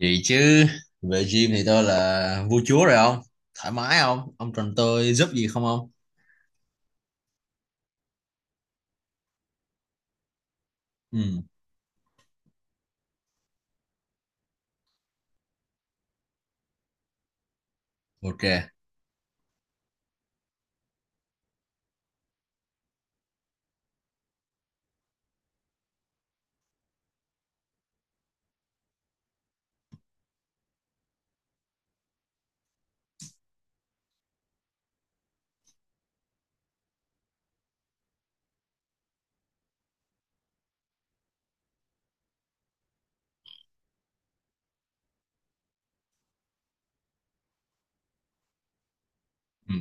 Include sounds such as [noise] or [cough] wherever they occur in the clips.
Vậy chứ về gym thì tôi là vua chúa rồi, không? Thoải mái. Không? Ông cần tôi giúp gì không ông? Ừ, ok. Ừ.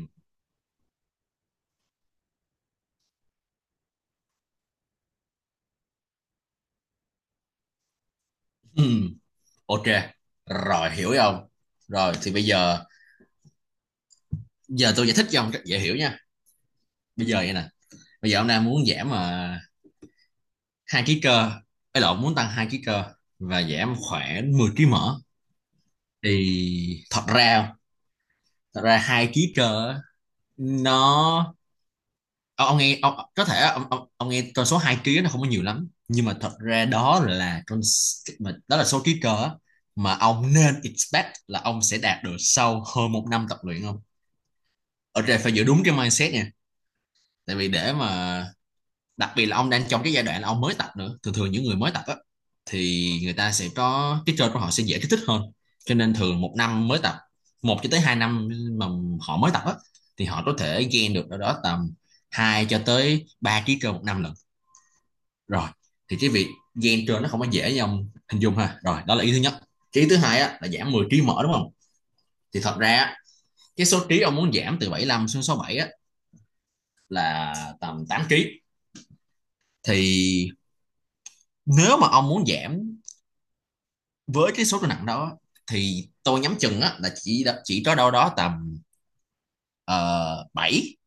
Ừ, ok. Rồi, hiểu rồi ông. Rồi thì bây giờ giờ tôi giải thích cho ông cách dễ hiểu nha. Bây giờ vậy nè. Bây giờ ông đang muốn giảm mà 2 kg cơ, ấy lộn, muốn tăng 2 kg cơ và giảm khoảng 10 kg mỡ. Thì thật ra 2 kg cơ á, nó ông nghe ông, có thể ông nghe con số 2 kg nó không có nhiều lắm, nhưng mà thật ra đó là con s- mà đó là số ký cơ á, mà ông nên expect là ông sẽ đạt được sau hơn 1 năm tập luyện, không? Ở đây phải giữ đúng cái mindset nha, tại vì để mà đặc biệt là ông đang trong cái giai đoạn là ông mới tập nữa. Thường thường những người mới tập á thì người ta sẽ có cái cơ của họ sẽ dễ kích thích hơn, cho nên thường 1 năm mới tập, một cho tới 2 năm mà họ mới tập á, thì họ có thể gain được ở đó tầm 2 tới 3 kg cơ 1 năm lận. Rồi thì cái việc gen trên nó không có dễ như ông hình dung ha, rồi đó là ý thứ nhất. Cái ý thứ hai á, là giảm 10 kg mở, đúng không? Thì thật ra á, cái số trí ông muốn giảm từ 75 xuống 67 á, là tầm 8 kg. Thì nếu mà ông muốn giảm với cái số cân nặng đó thì tôi nhắm chừng á, là chỉ có đâu đó tầm 7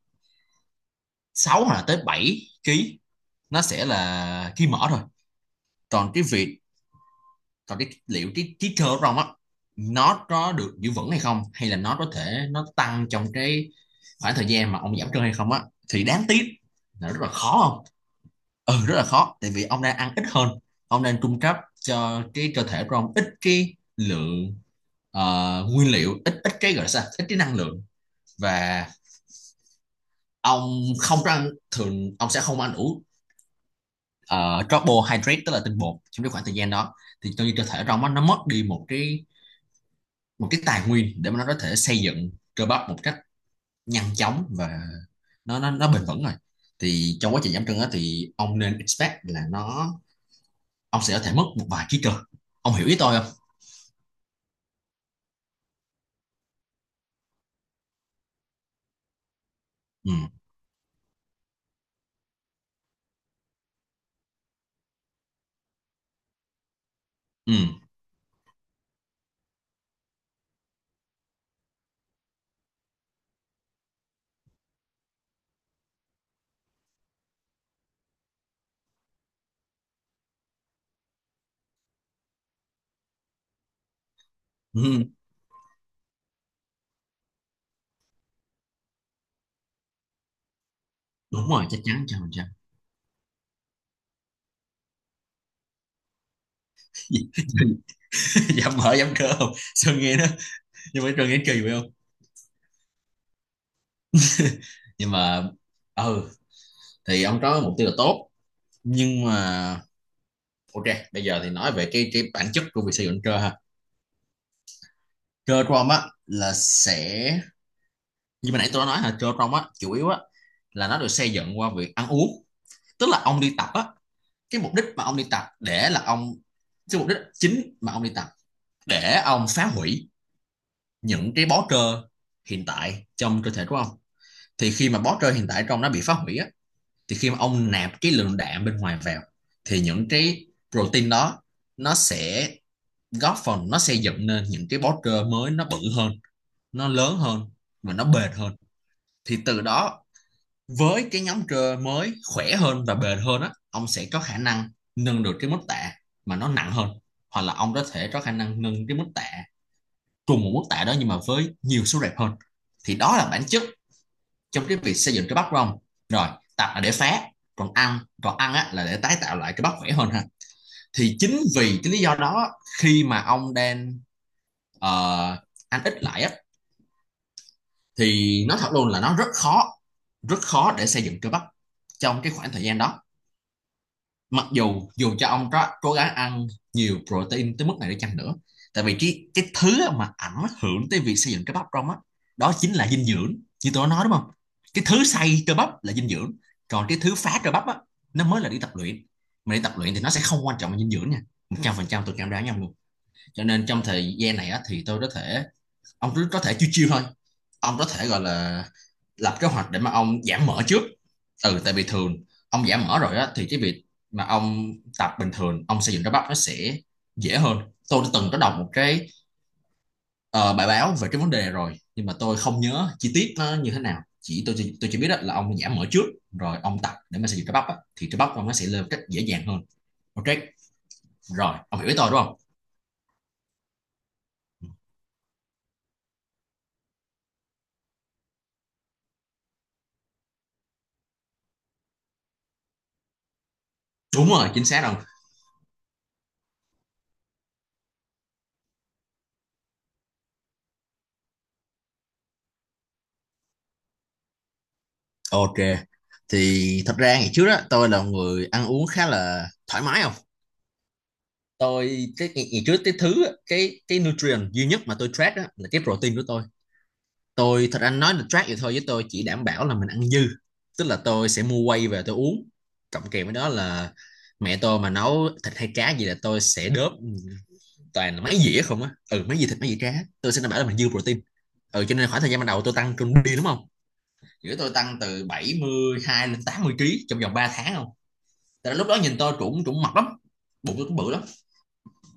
6 hoặc là tới 7 kg nó sẽ là ký mỡ thôi. Còn cái việc còn cái liệu cái cơ của Rong á, nó có được giữ vững hay không, hay là nó có thể nó tăng trong cái khoảng thời gian mà ông giảm cân hay không á, thì đáng tiếc là rất là khó, không? Ừ, rất là khó, tại vì ông đang ăn ít hơn, ông đang cung cấp cho cái cơ thể của ông ít cái lượng ờ, nguyên liệu, ít ít cái gọi là sao, ít cái năng lượng. Và ông không có ăn thường, ông sẽ không ăn đủ ờ, carbohydrate, tức là tinh bột trong cái khoảng thời gian đó, thì tự nhiên cơ thể trong nó mất đi một cái tài nguyên để mà nó có thể xây dựng cơ bắp một cách nhanh chóng và nó bền vững. Rồi thì trong quá trình giảm cân á, thì ông nên expect là ông sẽ có thể mất một vài ký cơ. Ông hiểu ý tôi không? Ừ. Ừ, ừ. Đúng rồi, chắc chắn 100%. [laughs] Giảm mỡ giảm cơ, không sao, nghe nó nhưng mà Sơn nghe kỳ vậy không? Nhưng mà ừ, thì ông có mục tiêu là tốt. Nhưng mà ok, bây giờ thì nói về cái bản chất của việc xây dựng cơ ha. Cơ của ông á là sẽ như mà nãy tôi đã nói là Joe Rogan á, chủ yếu á là nó được xây dựng qua việc ăn uống. Tức là ông đi tập á, cái mục đích mà ông đi tập để là ông cái mục đích chính mà ông đi tập để ông phá hủy những cái bó trơ hiện tại trong cơ thể của ông. Thì khi mà bó trơ hiện tại trong nó bị phá hủy á, thì khi mà ông nạp cái lượng đạm bên ngoài vào, thì những cái protein đó nó sẽ góp phần nó xây dựng nên những cái bó trơ mới nó bự hơn, nó lớn hơn, và nó bền hơn. Thì từ đó với cái nhóm cơ mới khỏe hơn và bền hơn á, ông sẽ có khả năng nâng được cái mức tạ mà nó nặng hơn, hoặc là ông có thể có khả năng nâng cái mức tạ cùng một mức tạ đó nhưng mà với nhiều số rep hơn. Thì đó là bản chất trong cái việc xây dựng cái bắp của ông. Rồi, tập là để phá, còn ăn á là để tái tạo lại cái bắp khỏe hơn ha. Thì chính vì cái lý do đó, khi mà ông đang ờ, ăn ít lại á, thì nói thật luôn là nó rất khó, rất khó để xây dựng cơ bắp trong cái khoảng thời gian đó, mặc dù dù cho ông có cố gắng ăn nhiều protein tới mức này để chăng nữa. Tại vì cái thứ mà ảnh hưởng tới việc xây dựng cơ bắp trong á, đó đó chính là dinh dưỡng, như tôi nói đúng không? Cái thứ xây cơ bắp là dinh dưỡng, còn cái thứ phá cơ bắp á, nó mới là đi tập luyện. Mà đi tập luyện thì nó sẽ không quan trọng là dinh dưỡng nha, 100% tôi cảm đoán nhau luôn. Cho nên trong thời gian này á thì tôi có thể ông cứ có thể chiêu chiêu thôi, ông có thể gọi là lập kế hoạch để mà ông giảm mỡ trước. Ừ, tại vì thường ông giảm mỡ rồi á, thì cái việc mà ông tập bình thường ông xây dựng cơ bắp nó sẽ dễ hơn. Tôi đã từng có đọc một cái ờ, bài báo về cái vấn đề này rồi nhưng mà tôi không nhớ chi tiết nó như thế nào, tôi chỉ biết á, là ông giảm mỡ trước rồi ông tập để mà xây dựng cơ bắp á, thì cơ bắp ông nó sẽ lên một cách dễ dàng hơn. Ok. Rồi ông hiểu ý tôi đúng không? Đúng rồi, chính xác rồi. Ok, thì thật ra ngày trước đó tôi là một người ăn uống khá là thoải mái, không? Tôi cái ngày, trước Cái thứ á, cái nutrient duy nhất mà tôi track đó là cái protein của tôi. Tôi thật anh nói là track vậy thôi, với tôi chỉ đảm bảo là mình ăn dư, tức là tôi sẽ mua whey về tôi uống, cộng kèm với đó là mẹ tôi mà nấu thịt hay cá gì là tôi sẽ đớp toàn là mấy dĩa không á. Ừ, mấy dĩa thịt mấy dĩa cá, tôi sẽ đảm bảo là mình dư protein. Ừ, cho nên khoảng thời gian ban đầu tôi tăng cân đi, đúng không, giữa tôi tăng từ 72 lên 80 kg trong vòng 3 tháng, không? Tại lúc đó nhìn tôi cũng cũng mập lắm, bụng tôi cũng bự lắm.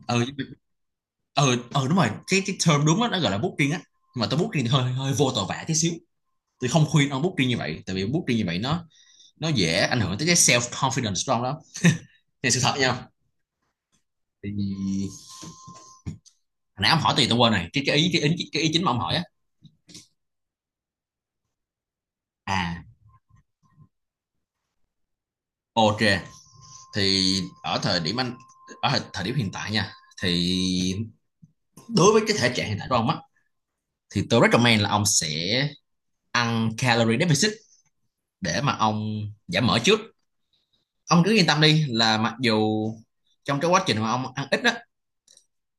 Ừ. Ờ, đúng rồi, cái term đúng đó, nó gọi là booking á, mà tôi booking thì hơi hơi vô tội vạ tí xíu. Tôi không khuyên ông booking như vậy, tại vì booking như vậy nó dễ ảnh hưởng tới cái self confidence của ông đó. Thì sự thật nha, thì hồi nãy ông hỏi thì tôi quên này cái ý chính mà ông hỏi á. À, ok, thì ở thời điểm anh ở thời điểm hiện tại nha, thì đối với cái thể trạng hiện tại của ông á, thì tôi recommend là ông sẽ ăn calorie deficit để mà ông giảm mỡ trước. Ông cứ yên tâm đi là mặc dù trong cái quá trình mà ông ăn ít á,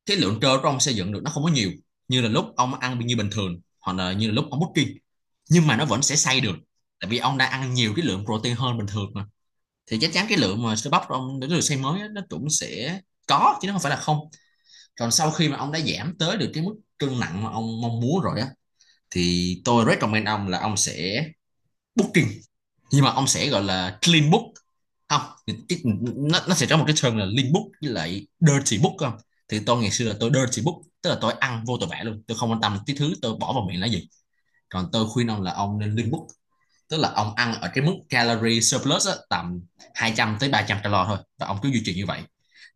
cái lượng trơ của ông xây dựng được nó không có nhiều như là lúc ông ăn như bình thường hoặc là như là lúc ông bulking, nhưng mà nó vẫn sẽ xây được, tại vì ông đã ăn nhiều cái lượng protein hơn bình thường mà. Thì chắc chắn cái lượng mà cơ bắp của ông để được xây mới á, nó cũng sẽ có chứ nó không phải là không. Còn sau khi mà ông đã giảm tới được cái mức cân nặng mà ông mong muốn rồi á, thì tôi recommend ông là ông sẽ booking, nhưng mà ông sẽ gọi là clean book, không? Nó sẽ có một cái term là clean book với lại dirty book, không? Thì tôi ngày xưa là tôi dirty book, tức là tôi ăn vô tội vạ luôn, tôi không quan tâm cái thứ tôi bỏ vào miệng là gì. Còn tôi khuyên ông là ông nên clean book, tức là ông ăn ở cái mức calorie surplus á, tầm 200 tới 300 calo thôi, và ông cứ duy trì như vậy.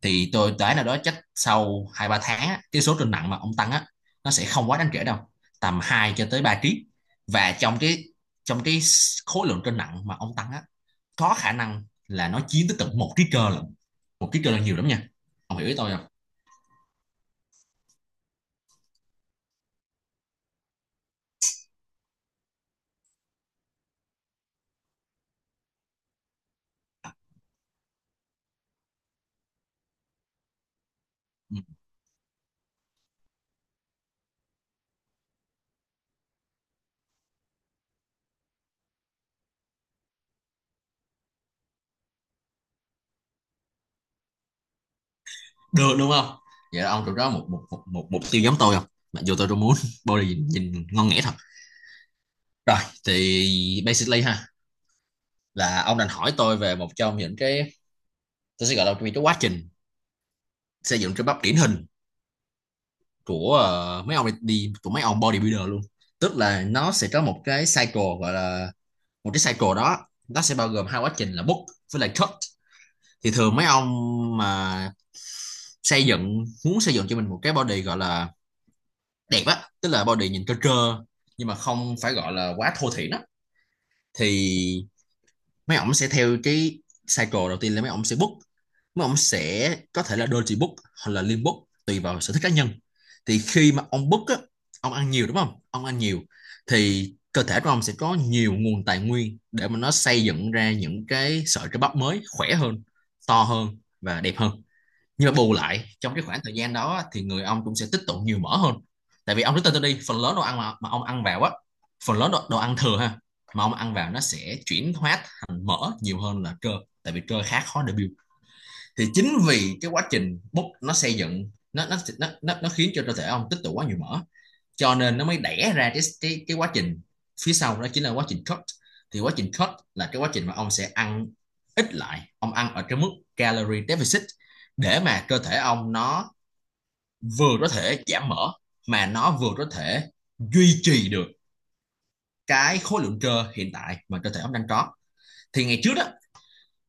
Thì tôi đoán là đó chắc sau 2 3 tháng á, cái số cân nặng mà ông tăng á, nó sẽ không quá đáng kể đâu, tầm 2 tới 3 kg. Và trong cái trong cái khối lượng cân nặng mà ông tăng á, có khả năng là nó chiếm tới tận một ký cơ lận. Một ký cơ là nhiều lắm nha. Ông hiểu ý tôi không? Ừ. Được đúng không? Vậy là ông được đó một một một một mục tiêu giống tôi không? Mặc dù tôi đâu muốn body nhìn ngon nghẻ thật. Rồi, thì basically ha, là ông đành hỏi tôi về một trong những cái tôi sẽ gọi là cái quá trình xây dựng cơ bắp điển hình của ờ, mấy ông đi- của mấy ông bodybuilder luôn. Tức là nó sẽ có một cái cycle gọi là, một cái cycle đó nó sẽ bao gồm hai quá trình là bulk với lại cut. Thì thường mấy ông mà xây dựng muốn xây dựng cho mình một cái body gọi là đẹp á, tức là body nhìn cơ trơ nhưng mà không phải gọi là quá thô thiển á. Thì mấy ổng sẽ theo cái cycle đầu tiên là mấy ổng sẽ book, mấy ổng sẽ có thể là doji book hoặc là lim book, tùy vào sở thích cá nhân. Thì khi mà ông book á, ông ăn nhiều đúng không? Ông ăn nhiều thì cơ thể của ông sẽ có nhiều nguồn tài nguyên để mà nó xây dựng ra những cái sợi cơ bắp mới khỏe hơn, to hơn và đẹp hơn. Nhưng mà bù lại trong cái khoảng thời gian đó thì người ông cũng sẽ tích tụ nhiều mỡ hơn. Tại vì ông rất tên tôi đi phần lớn đồ ăn mà ông ăn vào á, phần lớn đồ ăn thừa ha, mà ông ăn vào nó sẽ chuyển hóa thành mỡ nhiều hơn là cơ. Tại vì cơ khá khó để build. Thì chính vì cái quá trình bốc nó xây dựng nó khiến cho cơ thể ông tích tụ quá nhiều mỡ, cho nên nó mới đẻ ra cái quá trình phía sau đó chính là quá trình cut. Thì quá trình cut là cái quá trình mà ông sẽ ăn ít lại, ông ăn ở cái mức calorie deficit, để mà cơ thể ông nó vừa có thể giảm mỡ mà nó vừa có thể duy trì được cái khối lượng cơ hiện tại mà cơ thể ông đang có. Thì ngày trước đó,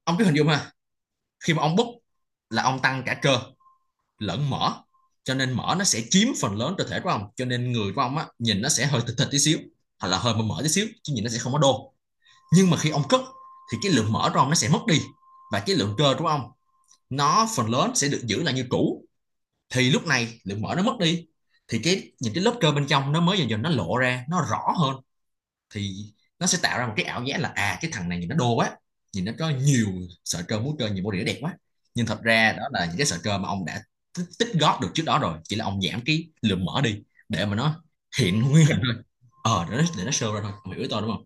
ông cứ hình dung ha, khi mà ông bút là ông tăng cả cơ lẫn mỡ, cho nên mỡ nó sẽ chiếm phần lớn cơ thể của ông, cho nên người của ông á nhìn nó sẽ hơi thịt thịt tí xíu hoặc là hơi mỡ mỡ tí xíu, chứ nhìn nó sẽ không có đô. Nhưng mà khi ông cất thì cái lượng mỡ của ông nó sẽ mất đi và cái lượng cơ của ông nó phần lớn sẽ được giữ lại như cũ. Thì lúc này lượng mỡ nó mất đi thì cái những cái lớp cơ bên trong nó mới dần dần nó lộ ra nó rõ hơn. Thì nó sẽ tạo ra một cái ảo giác là à, cái thằng này nhìn nó đô quá, nhìn nó có nhiều sợi cơ múa cơ nhiều, body nó đẹp quá. Nhưng thật ra đó là những cái sợi cơ mà ông đã tích góp được trước đó rồi, chỉ là ông giảm cái lượng mỡ đi để mà nó hiện nguyên hình thôi. Để nó show ra thôi, ông hiểu ý tôi đúng không?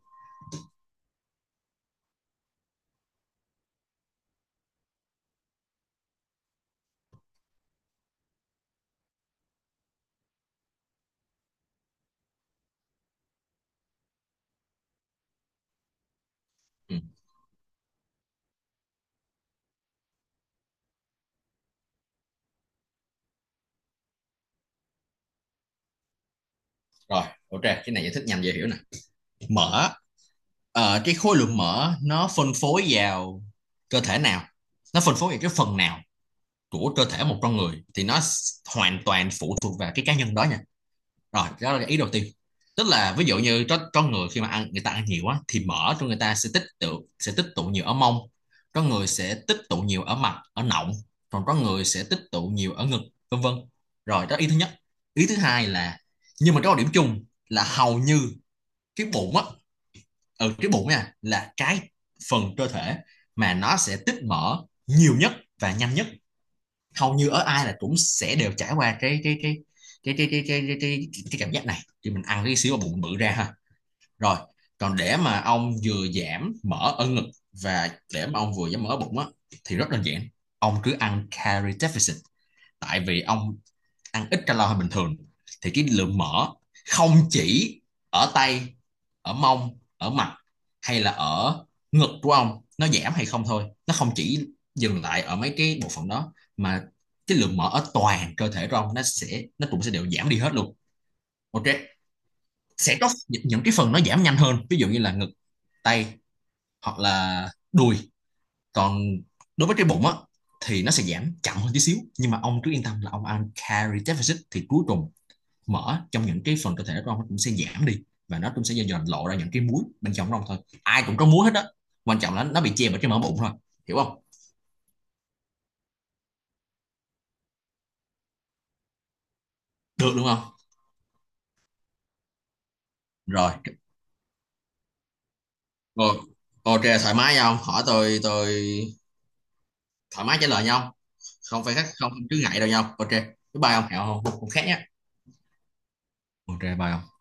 Ừ. Rồi, ok, cái này giải thích nhanh dễ hiểu nè. Mỡ, cái khối lượng mỡ nó phân phối vào cơ thể nào, nó phân phối vào cái phần nào của cơ thể một con người thì nó hoàn toàn phụ thuộc vào cái cá nhân đó nha. Rồi, đó là ý đầu tiên. Tức là ví dụ như có người khi mà ăn người ta ăn nhiều quá thì mỡ trong người ta sẽ tích tụ nhiều ở mông, có người sẽ tích tụ nhiều ở mặt ở nọng, còn có người sẽ tích tụ nhiều ở ngực, vân vân. Rồi, đó ý thứ nhất. Ý thứ hai là, nhưng mà có một điểm chung là hầu như cái bụng á, ừ cái bụng nha, là cái phần cơ thể mà nó sẽ tích mỡ nhiều nhất và nhanh nhất, hầu như ở ai là cũng sẽ đều trải qua cái, cảm giác này. Thì mình ăn cái xíu vào bụng bự ra ha. Rồi, còn để mà ông vừa giảm mỡ ở ngực và để mà ông vừa giảm mỡ bụng á thì rất đơn giản. Ông cứ ăn calorie deficit. Tại vì ông ăn ít calo hơn bình thường thì cái lượng mỡ không chỉ ở tay, ở mông, ở mặt hay là ở ngực của ông nó giảm hay không thôi, nó không chỉ dừng lại ở mấy cái bộ phận đó mà cái lượng mỡ ở toàn cơ thể của ông nó sẽ, nó cũng sẽ đều giảm đi hết luôn. Ok. Sẽ có những cái phần nó giảm nhanh hơn, ví dụ như là ngực, tay hoặc là đùi. Còn đối với cái bụng á thì nó sẽ giảm chậm hơn tí xíu, nhưng mà ông cứ yên tâm là ông ăn calorie deficit thì cuối cùng mỡ trong những cái phần cơ thể con cũng sẽ giảm đi, và nó cũng sẽ dần lộ ra những cái muối bên trong ông thôi. Ai cũng có muối hết á, quan trọng là nó bị che bởi cái mỡ bụng thôi. Hiểu không? Được đúng không? Rồi. Rồi, ok, thoải mái nhau hỏi tôi thoải mái trả lời nhau. Không phải khác không, không cứ ngại đâu nhau. Ok, bye. Bye ông, hẹo không không khác nhé. Ok, bye ông.